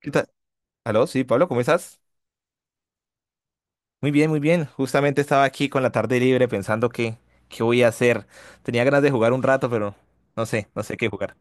¿Qué tal? Aló, sí, Pablo, ¿cómo estás? Muy bien, muy bien. Justamente estaba aquí con la tarde libre pensando qué voy a hacer. Tenía ganas de jugar un rato, pero no sé, no sé qué jugar.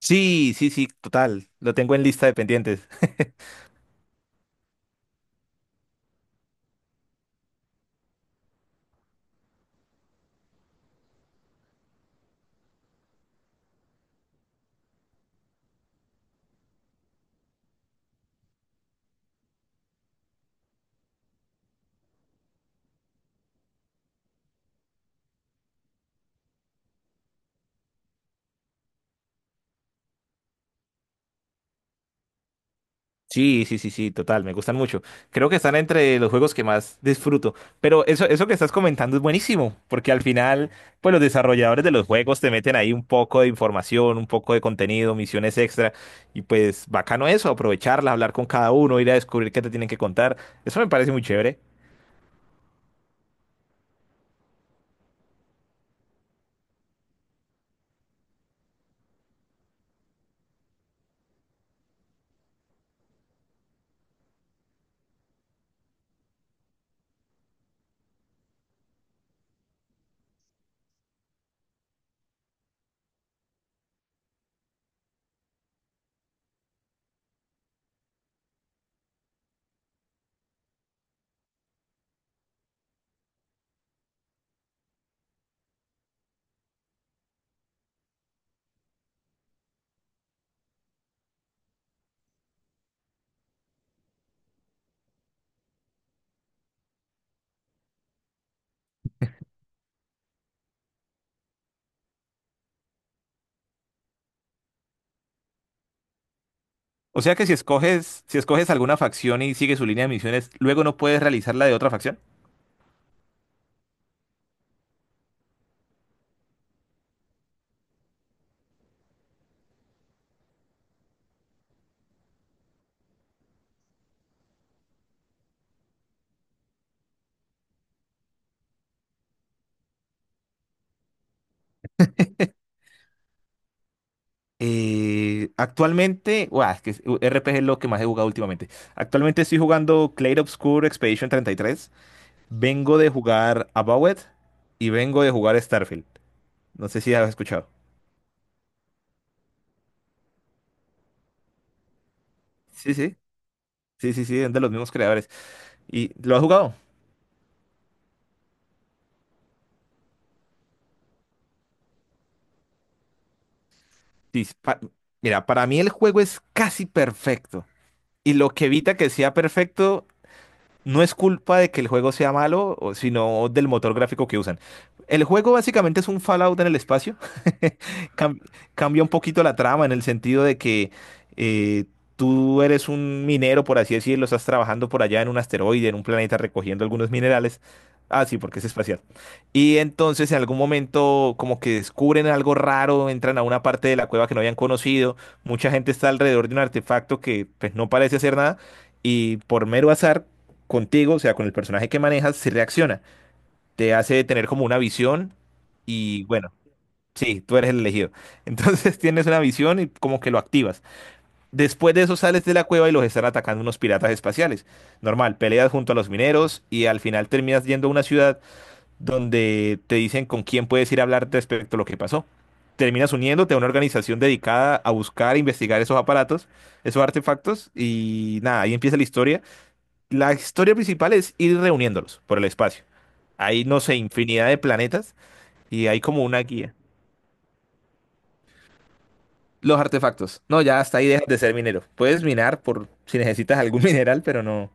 Sí, sí, sí, total. Lo tengo en lista de pendientes. Sí, sí, sí, sí, total, me gustan mucho. Creo que están entre los juegos que más disfruto. Pero eso que estás comentando es buenísimo, porque al final, pues los desarrolladores de los juegos te meten ahí un poco de información, un poco de contenido, misiones extra, y pues bacano eso, aprovecharla, hablar con cada uno, ir a descubrir qué te tienen que contar. Eso me parece muy chévere. O sea que si escoges, si escoges alguna facción y sigues su línea de misiones, luego no puedes realizar la de otra facción. Actualmente, guau, RPG es lo que más he jugado últimamente. Actualmente estoy jugando Clair Obscur Expedition 33. Vengo de jugar Avowed y vengo de jugar Starfield. No sé si has escuchado. Sí, sí, sí, sí, sí, es de los mismos creadores. ¿Y lo has jugado? Sí, pa- Mira, para mí el juego es casi perfecto. Y lo que evita que sea perfecto no es culpa de que el juego sea malo, o- sino del motor gráfico que usan. El juego básicamente es un Fallout en el espacio. Cam- cambia un poquito la trama en el sentido de que eh, tú eres un minero, por así decirlo, estás trabajando por allá en un asteroide, en un planeta recogiendo algunos minerales. Ah, sí, porque es espacial. Y entonces en algún momento como que descubren algo raro, entran a una parte de la cueva que no habían conocido, mucha gente está alrededor de un artefacto que pues no parece hacer nada y por mero azar contigo, o sea, con el personaje que manejas, se reacciona. Te hace tener como una visión y bueno, sí, tú eres el elegido. Entonces tienes una visión y como que lo activas. Después de eso sales de la cueva y los están atacando unos piratas espaciales. Normal, peleas junto a los mineros y al final terminas yendo a una ciudad donde te dicen con quién puedes ir a hablar respecto a lo que pasó. Terminas uniéndote a una organización dedicada a buscar e investigar esos aparatos, esos artefactos y nada, ahí empieza la historia principal es ir reuniéndolos por el espacio. Hay, no sé, infinidad de planetas y hay como una guía. Los artefactos. No, ya hasta ahí dejas de ser minero. Puedes minar por si necesitas algún mineral, pero no.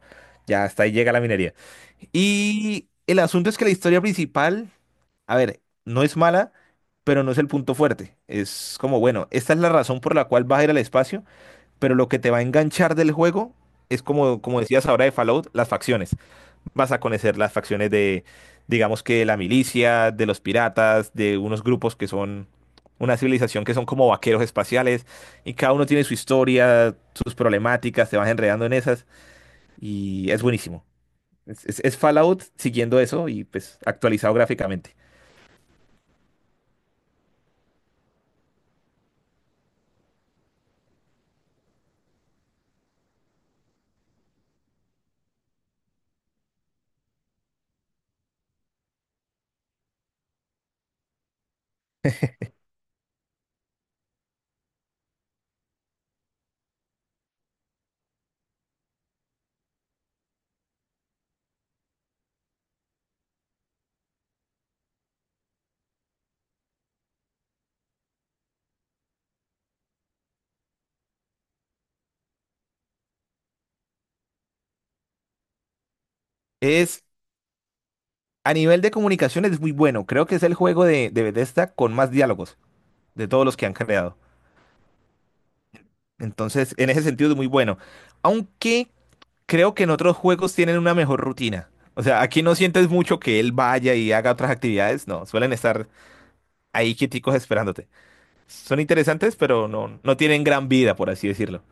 Ya hasta ahí llega la minería. Y el asunto es que la historia principal, a ver, no es mala, pero no es el punto fuerte. Es como, bueno, esta es la razón por la cual vas a ir al espacio, pero lo que te va a enganchar del juego es como, como decías ahora de Fallout, las facciones. Vas a conocer las facciones de, digamos que la milicia, de los piratas, de unos grupos que son una civilización que son como vaqueros espaciales y cada uno tiene su historia, sus problemáticas, te vas enredando en esas y es buenísimo. Es Fallout siguiendo eso y pues actualizado gráficamente. Es a nivel de comunicaciones es muy bueno. Creo que es el juego de Bethesda con más diálogos de todos los que han creado. Entonces, en ese sentido es muy bueno. Aunque creo que en otros juegos tienen una mejor rutina. O sea, aquí no sientes mucho que él vaya y haga otras actividades. No, suelen estar ahí quieticos esperándote. Son interesantes, pero no, no tienen gran vida, por así decirlo.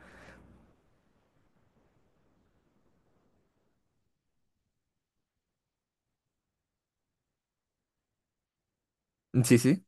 Sí, sí.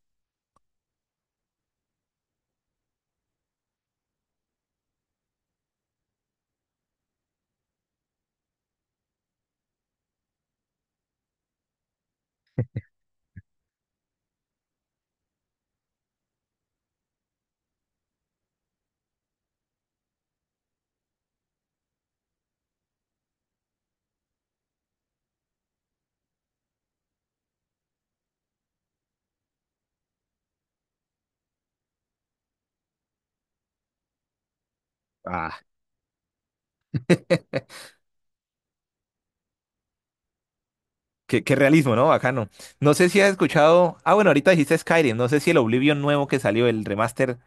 Ah, qué, qué realismo, ¿no? Bacano. No sé si has escuchado. Ah, bueno, ahorita dijiste Skyrim. No sé si el Oblivion nuevo que salió, el remaster,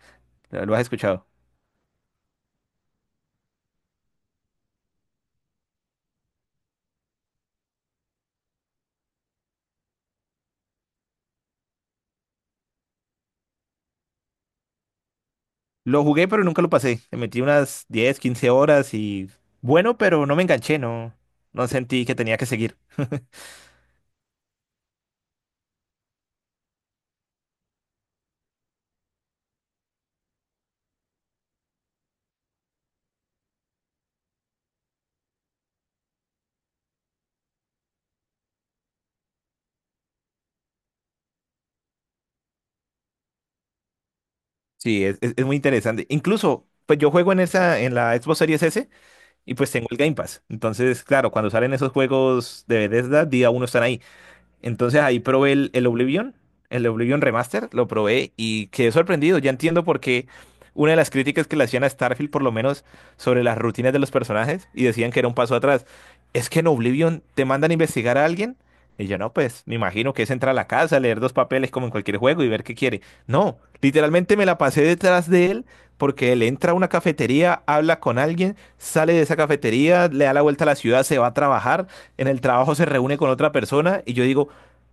lo has escuchado. Lo jugué, pero nunca lo pasé. Le metí unas 10, 15 horas y. Bueno, pero no me enganché, no. No sentí que tenía que seguir. Sí, es muy interesante. Incluso, pues yo juego en esa, en la Xbox Series S y pues tengo el Game Pass. Entonces, claro, cuando salen esos juegos de Bethesda, día uno están ahí. Entonces ahí probé el Oblivion, el Oblivion Remaster, lo probé y quedé sorprendido. Ya entiendo por qué una de las críticas que le hacían a Starfield, por lo menos sobre las rutinas de los personajes, y decían que era un paso atrás. Es que en Oblivion te mandan a investigar a alguien. Y yo, no, pues me imagino que es entrar a la casa, leer dos papeles como en cualquier juego y ver qué quiere. No, literalmente me la pasé detrás de él porque él entra a una cafetería, habla con alguien, sale de esa cafetería, le da la vuelta a la ciudad, se va a trabajar en el trabajo se reúne con otra persona y yo digo,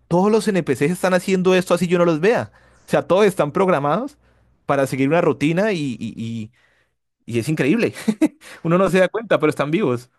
todos los NPCs están haciendo esto así yo no los vea. O sea, todos están programados para seguir una rutina y es increíble. Uno no se da cuenta, pero están vivos.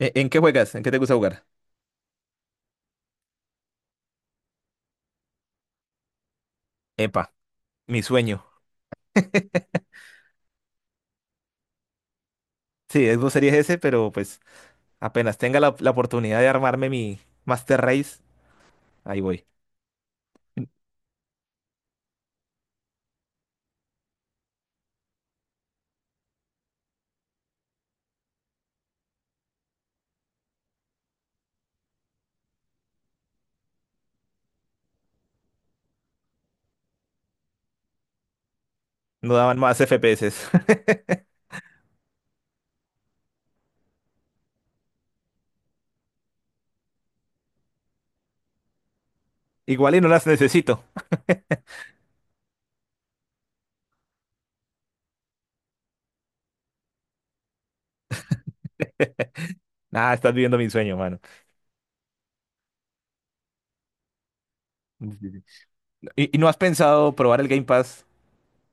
¿En, qué juegas? ¿En qué te gusta jugar? Epa, mi sueño. Sí, Xbox Series S, pero pues apenas tenga la oportunidad de armarme mi Master Race, ahí voy. No daban más FPS. Igual y no las necesito. Ah, estás viviendo mi sueño, mano. Sí, sí, sí. ¿Y no has pensado probar el Game Pass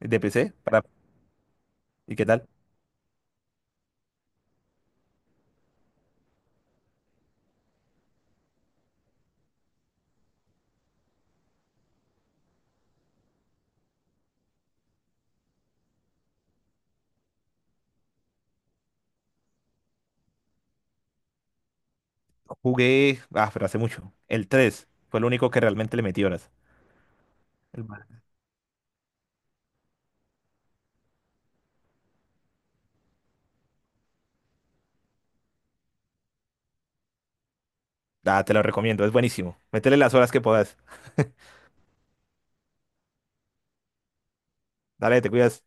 de PC? Para... ¿Y qué tal? Jugué, ah, pero hace mucho. El 3 fue el único que realmente le metí horas. El Valorant. Ah, te lo recomiendo, es buenísimo. Métele las horas que puedas. Dale, te cuidas.